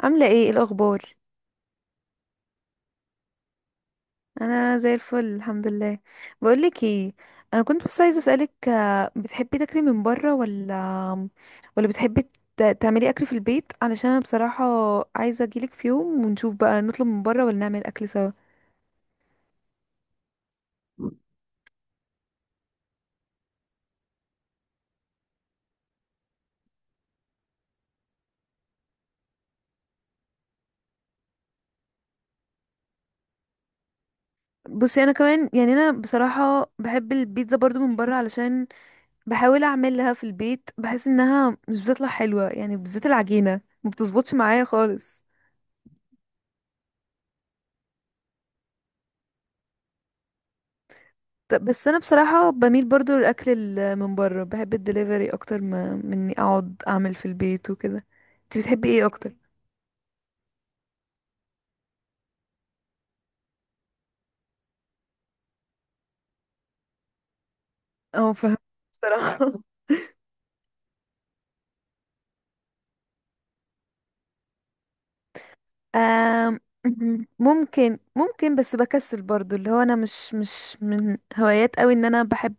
عاملة ايه؟ إيه الأخبار؟ أنا زي الفل، الحمد لله. بقولك ايه، أنا كنت بس عايزة أسألك، بتحبي تاكلي من برا ولا بتحبي تعملي أكل في البيت؟ علشان أنا بصراحة عايزة أجيلك في يوم ونشوف بقى نطلب من برا ولا نعمل أكل سوا. بصي، أنا كمان يعني أنا بصراحة بحب البيتزا برضو من برا، علشان بحاول أعملها في البيت بحس إنها مش بتطلع حلوة، يعني بالذات العجينة ما بتظبطش معايا خالص. طب بس انا بصراحه بميل برضو للاكل من بره، بحب الدليفري اكتر ما مني اقعد اعمل في البيت وكده. انت بتحبي ايه اكتر؟ اه فاهم. بصراحه آم، ممكن بس بكسل برضو، اللي هو انا مش من هوايات قوي ان انا بحب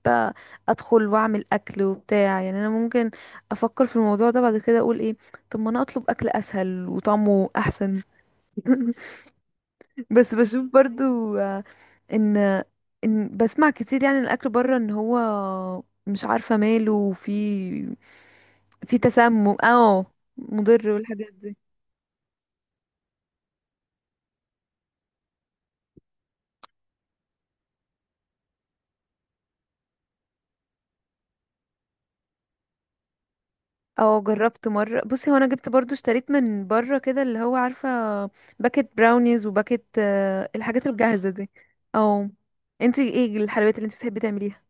ادخل واعمل اكل وبتاع، يعني انا ممكن افكر في الموضوع ده بعد كده اقول ايه، طب ما انا اطلب اكل اسهل وطعمه احسن. بس بشوف برضو ان بسمع كتير يعني الاكل بره ان هو مش عارفه ماله، وفي تسمم، اه مضر والحاجات دي. اه جربت مره، بصي هو انا جبت برضو، اشتريت من بره كده اللي هو عارفه باكت براونيز وباكت الحاجات الجاهزه دي. اه انتي ايه الحلويات اللي انتي بتحبي تعمليها؟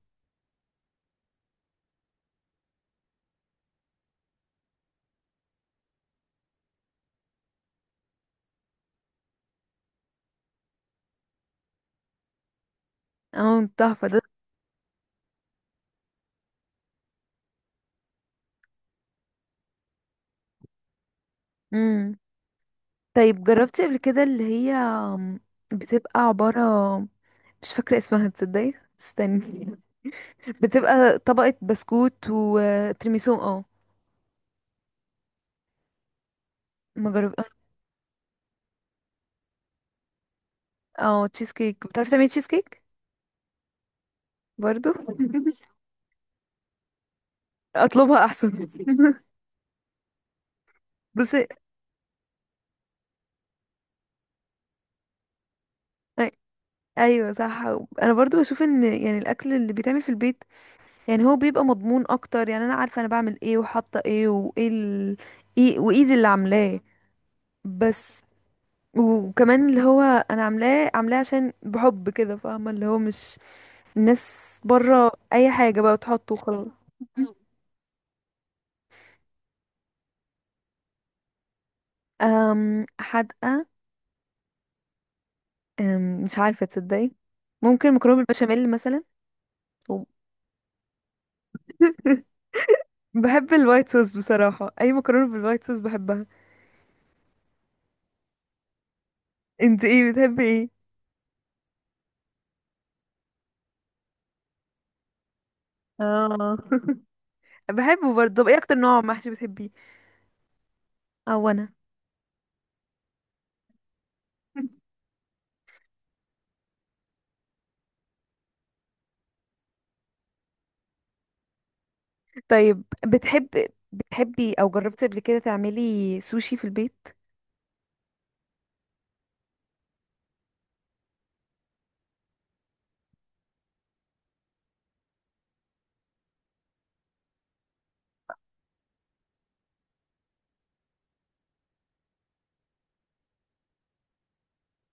اه تحفه ده. امم طيب جربتي قبل كده اللي هي بتبقى عباره، مش فاكره اسمها تصدقي، استني، بتبقى طبقة بسكوت وترميسو، اه. ما جرب اه تشيز كيك، بتعرفي تعملي تشيز كيك برضو؟ اطلبها احسن. بصي أي- ايوه صح، انا برضو بشوف ان يعني الاكل اللي بيتعمل في البيت يعني هو بيبقى مضمون اكتر، يعني انا عارفه انا بعمل ايه وحاطه ايه، وايه ال... إيه وايدي اللي عاملاه. بس وكمان اللي هو انا عاملاه عشان بحب كده، فاهمه، اللي هو مش الناس بره اي حاجه بقى تحطه وخلاص. حدقة؟ مش عارفة تصدقي، ممكن مكرونة بالبشاميل مثلا، و- بحب الوايت صوص بصراحة، أي مكرونة بالوايت صوص بحبها. انت ايه بتحبي ايه؟ اه بحبه برضه. طب ايه أكتر نوع محشي بتحبيه؟ اه أنا طيب بتحبي أو جربتي قبل كده تعملي سوشي في البيت؟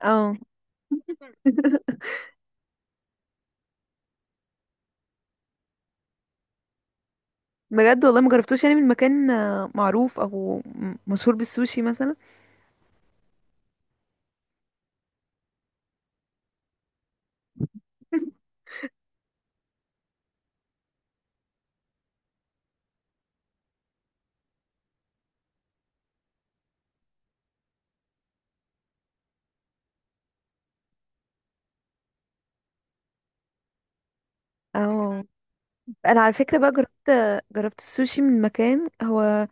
اه بجد والله ما جربتوش، يعني من مكان معروف أو مشهور بالسوشي مثلا؟ اه انا على فكره بقى، جربت السوشي من مكان، هو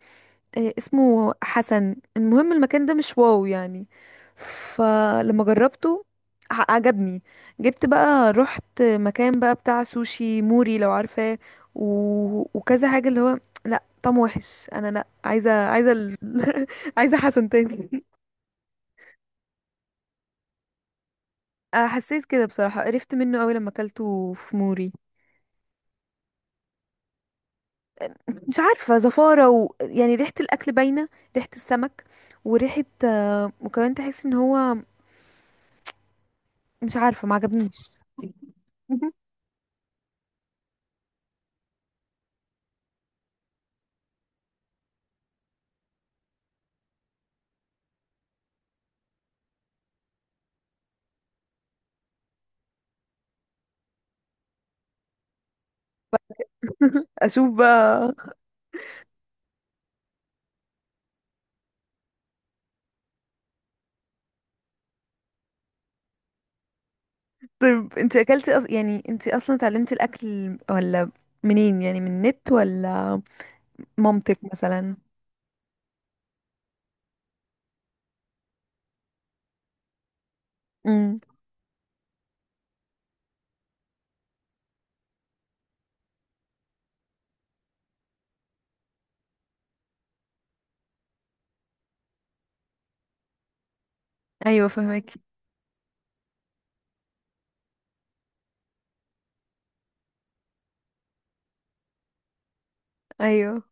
اسمه حسن، المهم المكان ده مش واو يعني. فلما جربته عجبني، جبت بقى رحت مكان بقى بتاع سوشي موري لو عارفاه، و... وكذا حاجه، اللي هو لا طعمه وحش، انا لا عايزه حسن تاني. حسيت كده بصراحه، قرفت منه قوي لما اكلته في موري. مش عارفة، زفارة يعني ريحة الأكل باينة، ريحة السمك وريحة وكمان تحس ان هو، مش عارفة، ما عجبنيش. اشوف بقى. طيب انت اكلتي يعني انت اصلا اتعلمتي الاكل ولا، منين يعني، من النت ولا مامتك مثلا؟ امم ايوه فهمك. ايوه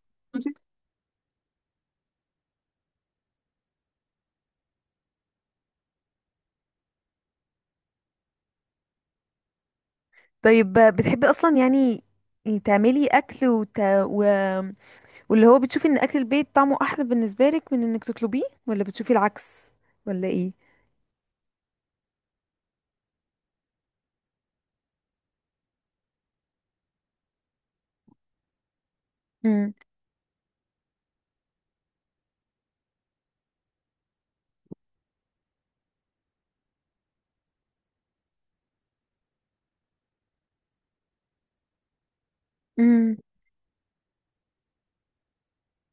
طيب بتحبي اصلا يعني تعملي اكل و... واللي هو بتشوفي ان اكل البيت طعمه احلى بالنسبه لك من انك تطلبيه ولا بتشوفي العكس، ولا ايه؟ امم امم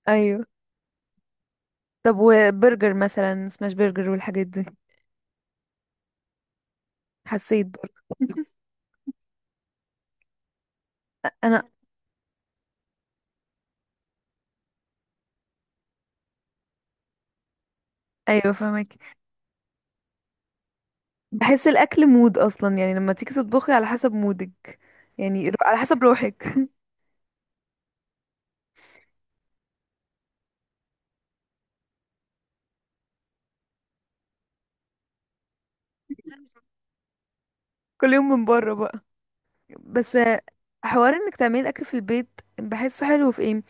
ايوه. طب وبرجر مثلا سماش برجر والحاجات دي؟ حسيت برضه. انا ايوه فاهمك. بحس الاكل مود اصلا، يعني لما تيجي تطبخي على حسب مودك، يعني على حسب روحك. كل يوم من بره بقى؟ بس حوار انك تعملي اكل في البيت بحسه حلو في ايه،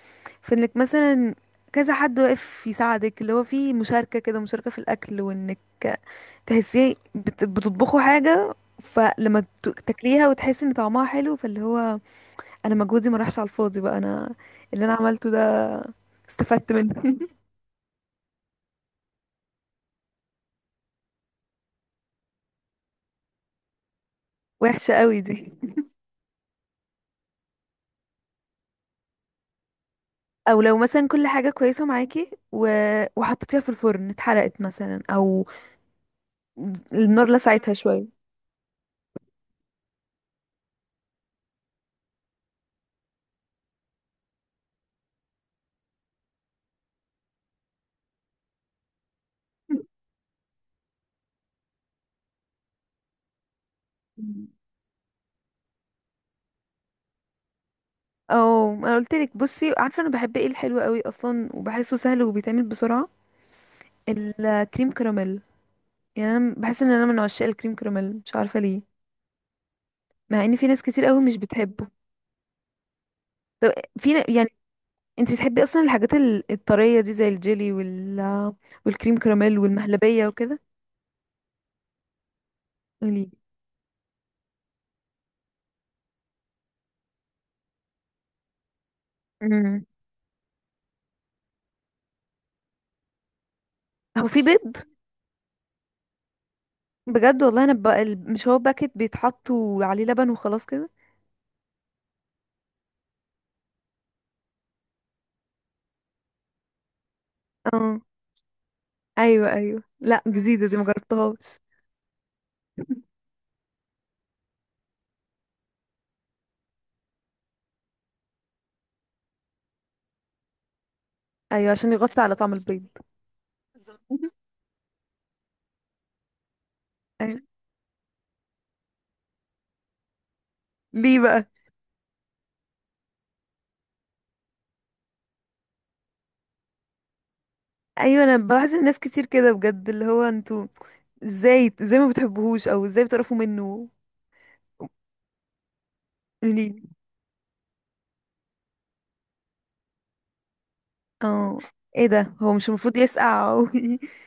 في انك مثلا كذا حد واقف يساعدك، اللي هو في مشاركة كده، مشاركة في الاكل، وانك تحسيه بتطبخوا حاجة، فلما تاكليها وتحسي ان طعمها حلو، فاللي هو انا مجهودي ما راحش على الفاضي بقى، انا اللي انا عملته ده استفدت منه. وحشة قوي دي، او لو مثلا كل حاجة كويسة معاكي وحطيتيها في الفرن اتحرقت مثلا، او النار لسعتها شوية. اه انا قلت لك بصي، عارفه انا بحب ايه؟ الحلو قوي اصلا، وبحسه سهل وبيتعمل بسرعه. الكريم كراميل، يعني انا بحس ان انا من عشاق الكريم كراميل، مش عارفه ليه، مع ان في ناس كتير قوي مش بتحبه. طب في يعني انت بتحبي اصلا الحاجات الطريه دي زي الجيلي والكريم كراميل والمهلبيه وكده؟ قولي. امم هو في بيض؟ بجد والله، انا بقى مش هو باكت بيتحط وعليه لبن وخلاص كده. اه ايوه ايوه، لا جديده دي مجربتهاش. ايوه، عشان يغطي على طعم البيض، بالظبط. أيوة. ليه بقى؟ ايوه انا بلاحظ الناس كتير كده بجد، اللي هو انتوا ازاي ازاي ما بتحبوهوش او ازاي بتعرفوا منه، ليه؟ اه ايه ده، هو مش المفروض يسقع او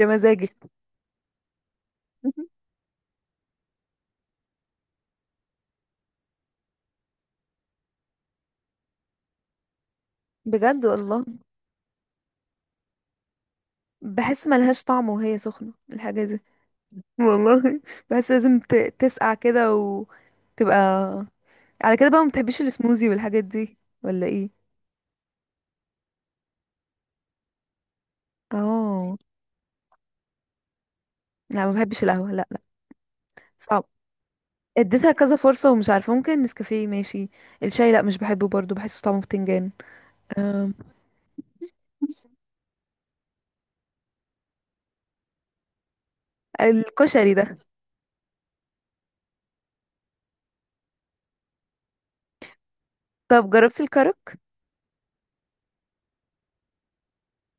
يا مزاجك؟ بجد والله، بحس ملهاش طعم وهي سخنة الحاجة دي، والله، بحس لازم تسقع كده وتبقى. على كده بقى ما بتحبيش السموزي والحاجات دي، ولا ايه؟ اه لا ما بحبش القهوة، لا لا، صعب، اديتها كذا فرصة ومش عارفة، ممكن نسكافيه ماشي. الشاي لا مش بحبه برضو، بحسه طعمه بتنجان، أم، الكشري ده. طب جربتي الكرك؟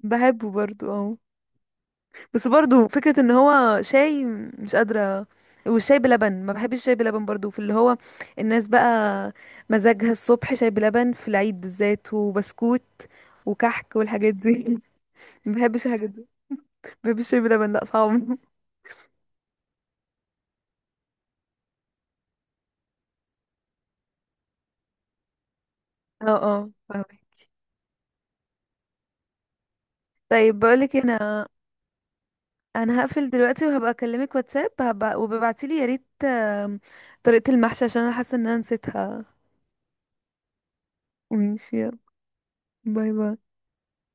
بحبه برضو اه، بس برضو فكرة ان هو شاي، مش قادرة. والشاي بلبن ما بحبش، الشاي بلبن برضو، في اللي هو الناس بقى مزاجها الصبح شاي بلبن في العيد بالذات، وبسكوت وكحك والحاجات دي. ما بحبش الحاجات دي، ما بحبش الشاي بلبن، لا صعب. اه اه فاهمك. طيب بقولك هنا، انا هقفل دلوقتي وهبقى اكلمك واتساب، هبقى وببعتيلي يا ريت طريقة المحشي عشان انا حاسة ان انا نسيتها. ماشي يلا، باي باي.